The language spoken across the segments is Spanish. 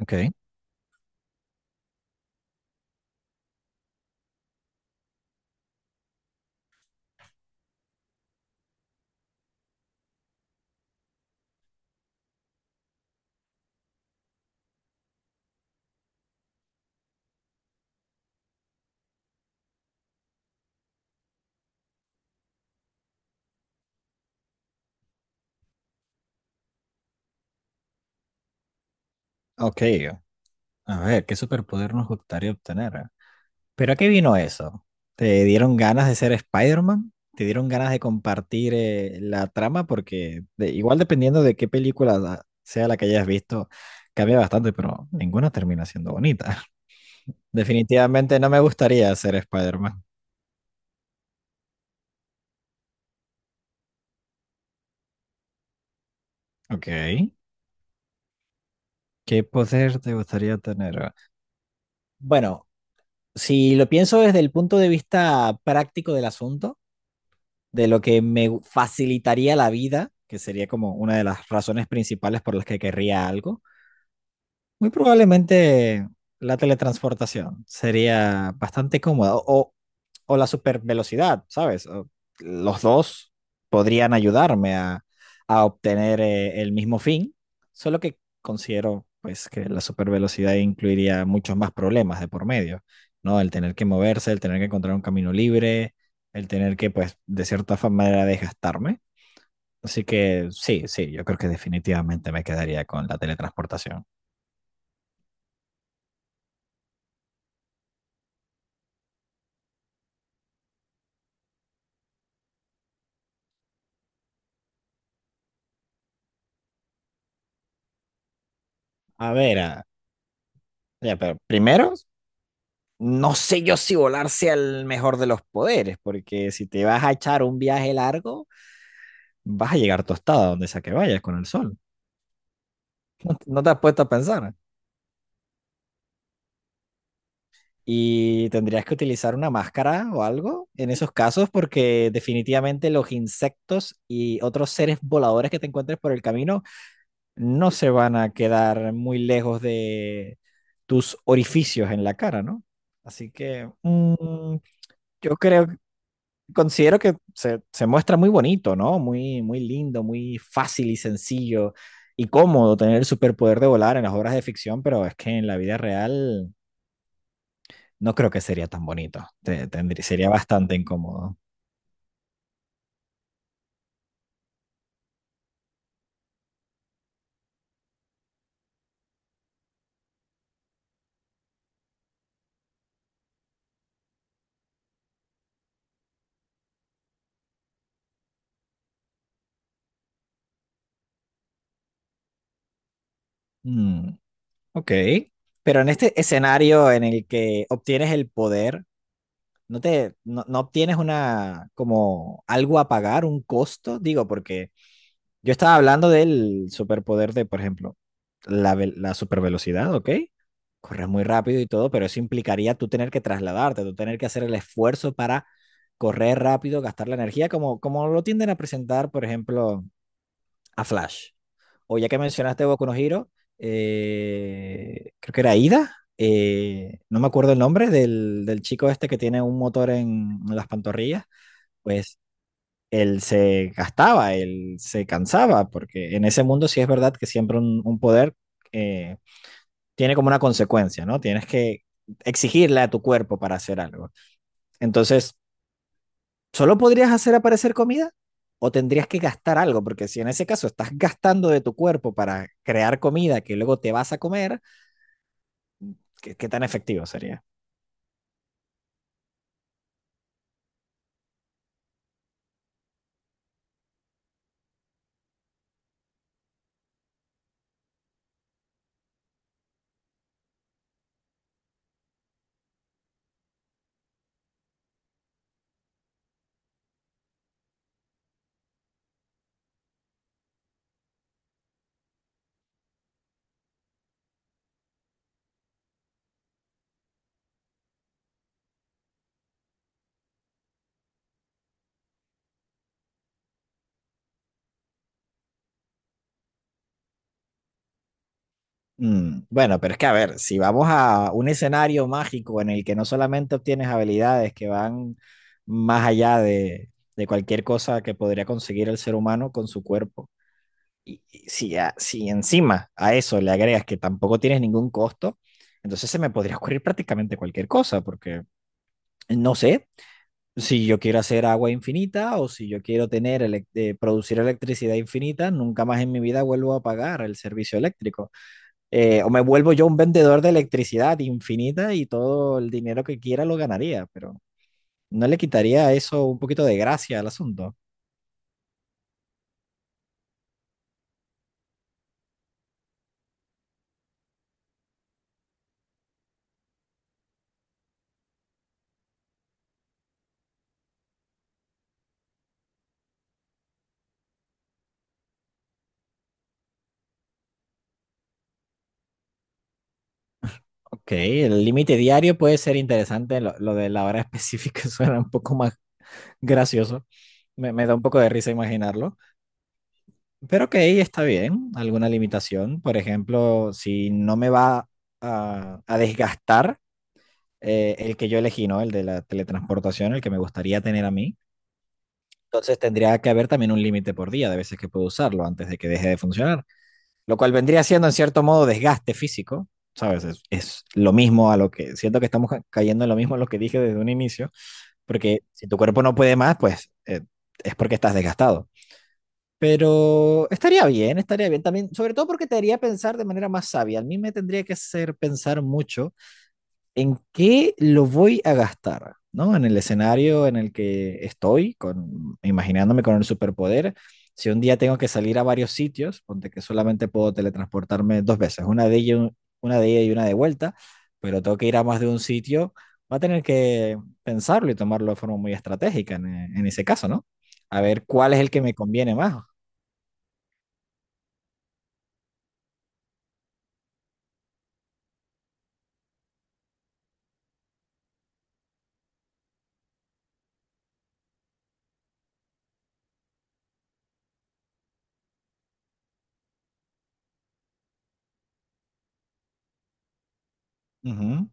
Ok, ok. A ver, ¿qué superpoder nos gustaría obtener? ¿Pero a qué vino eso? ¿Te dieron ganas de ser Spider-Man? ¿Te dieron ganas de compartir la trama? Porque igual dependiendo de qué película sea la que hayas visto, cambia bastante, pero ninguna termina siendo bonita. Definitivamente no me gustaría ser Spider-Man. Ok. ¿Qué poder te gustaría tener? Bueno, si lo pienso desde el punto de vista práctico del asunto, de lo que me facilitaría la vida, que sería como una de las razones principales por las que querría algo, muy probablemente la teletransportación sería bastante cómoda o la supervelocidad, ¿sabes? Los dos podrían ayudarme a obtener el mismo fin, solo que considero pues que la supervelocidad incluiría muchos más problemas de por medio, ¿no? El tener que moverse, el tener que encontrar un camino libre, el tener que pues de cierta manera desgastarme. Así que sí, sí, yo creo que definitivamente me quedaría con la teletransportación. A ver, ya, pero primero, no sé yo si volar sea el mejor de los poderes, porque si te vas a echar un viaje largo, vas a llegar tostada donde sea que vayas con el sol. No te has puesto a pensar. Y tendrías que utilizar una máscara o algo en esos casos, porque definitivamente los insectos y otros seres voladores que te encuentres por el camino no se van a quedar muy lejos de tus orificios en la cara, ¿no? Así que mm, yo creo considero que se muestra muy bonito, ¿no? Muy, muy lindo, muy fácil y sencillo y cómodo tener el superpoder de volar en las obras de ficción, pero es que en la vida real no creo que sería tan bonito. Sería bastante incómodo. Mm, ok. Pero en este escenario en el que obtienes el poder, ¿no te, no, no obtienes una, como algo a pagar, un costo? Digo, porque yo estaba hablando del superpoder de, por ejemplo, la supervelocidad, ¿ok? Corres muy rápido y todo, pero eso implicaría tú tener que trasladarte, tú tener que hacer el esfuerzo para correr rápido, gastar la energía, como, como lo tienden a presentar, por ejemplo, a Flash. O ya que mencionaste Boku no Hero, creo que era Ida, no me acuerdo el nombre del, del chico este que tiene un motor en las pantorrillas. Pues él se gastaba, él se cansaba, porque en ese mundo sí es verdad que siempre un poder eh, tiene como una consecuencia, ¿no? Tienes que exigirle a tu cuerpo para hacer algo. Entonces, ¿solo podrías hacer aparecer comida? ¿O tendrías que gastar algo? Porque si en ese caso estás gastando de tu cuerpo para crear comida que luego te vas a comer, ¿qué, qué tan efectivo sería? Mm, bueno, pero es que a ver, si vamos a un escenario mágico en el que no solamente obtienes habilidades que van más allá de cualquier cosa que podría conseguir el ser humano con su cuerpo, y si, si encima a eso le agregas que tampoco tienes ningún costo, entonces se me podría ocurrir prácticamente cualquier cosa, porque no sé si yo quiero hacer agua infinita o si yo quiero tener producir electricidad infinita, nunca más en mi vida vuelvo a pagar el servicio eléctrico o me vuelvo yo un vendedor de electricidad infinita y todo el dinero que quiera lo ganaría, pero no le quitaría eso un poquito de gracia al asunto. Ok, el límite diario puede ser interesante, lo de la hora específica suena un poco más gracioso, me da un poco de risa imaginarlo, pero ok, está bien, alguna limitación, por ejemplo, si no me va a desgastar el que yo elegí, ¿no? El de la teletransportación, el que me gustaría tener a mí. Entonces tendría que haber también un límite por día de veces que puedo usarlo antes de que deje de funcionar, lo cual vendría siendo en cierto modo desgaste físico, ¿sabes? Es lo mismo a lo que, siento que estamos cayendo en lo mismo a lo que dije desde un inicio, porque si tu cuerpo no puede más, pues es porque estás desgastado. Pero estaría bien también, sobre todo porque te haría pensar de manera más sabia. A mí me tendría que hacer pensar mucho en qué lo voy a gastar, ¿no? En el escenario en el que estoy, con, imaginándome con el superpoder. Si un día tengo que salir a varios sitios, ponte que solamente puedo teletransportarme dos veces, una de ida y una de vuelta, pero tengo que ir a más de un sitio, va a tener que pensarlo y tomarlo de forma muy estratégica en ese caso, ¿no? A ver cuál es el que me conviene más. Ujú.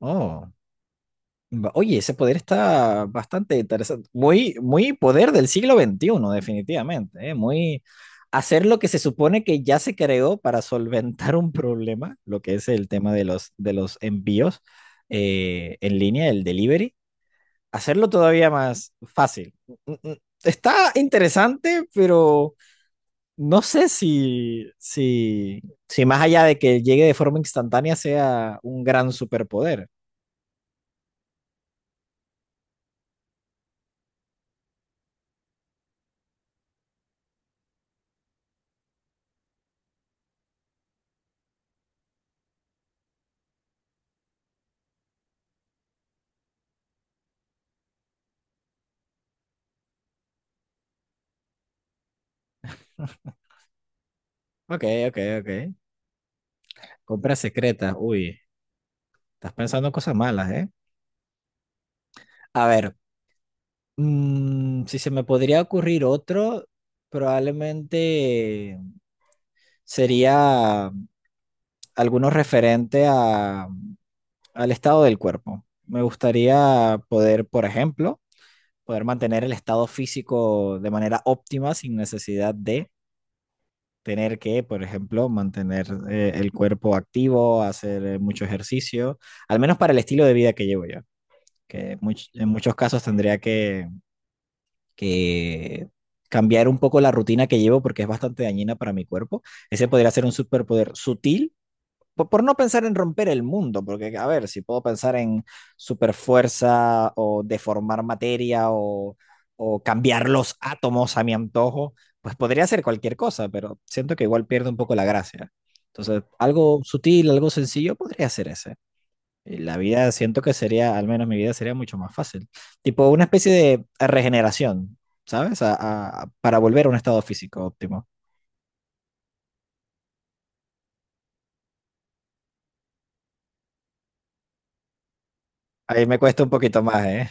Oh. Oye, ese poder está bastante interesante. Muy, muy poder del siglo XXI, definitivamente, ¿eh? Muy hacer lo que se supone que ya se creó para solventar un problema, lo que es el tema de los envíos en línea, el delivery, hacerlo todavía más fácil. Mm, mm, está interesante, pero no sé si más allá de que llegue de forma instantánea sea un gran superpoder. Ok, ok, ok. Compras secretas, uy, estás pensando cosas malas, ¿eh? A ver, mm, si se me podría ocurrir otro, probablemente sería alguno referente a, al estado del cuerpo. Me gustaría poder, por ejemplo, poder mantener el estado físico de manera óptima sin necesidad de tener que, por ejemplo, mantener el cuerpo activo, hacer mucho ejercicio, al menos para el estilo de vida que llevo yo, que en muchos casos tendría que cambiar un poco la rutina que llevo porque es bastante dañina para mi cuerpo. Ese podría ser un superpoder sutil, por no pensar en romper el mundo, porque a ver, si puedo pensar en superfuerza o deformar materia o cambiar los átomos a mi antojo, pues podría ser cualquier cosa, pero siento que igual pierde un poco la gracia. Entonces, algo sutil, algo sencillo, podría ser ese. Y la vida, siento que sería, al menos mi vida sería mucho más fácil. Tipo una especie de regeneración, ¿sabes? Para volver a un estado físico óptimo. Ahí me cuesta un poquito más, ¿eh?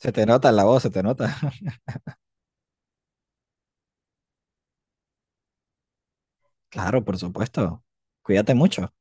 Se te nota en la voz, se te nota. Claro, por supuesto. Cuídate mucho.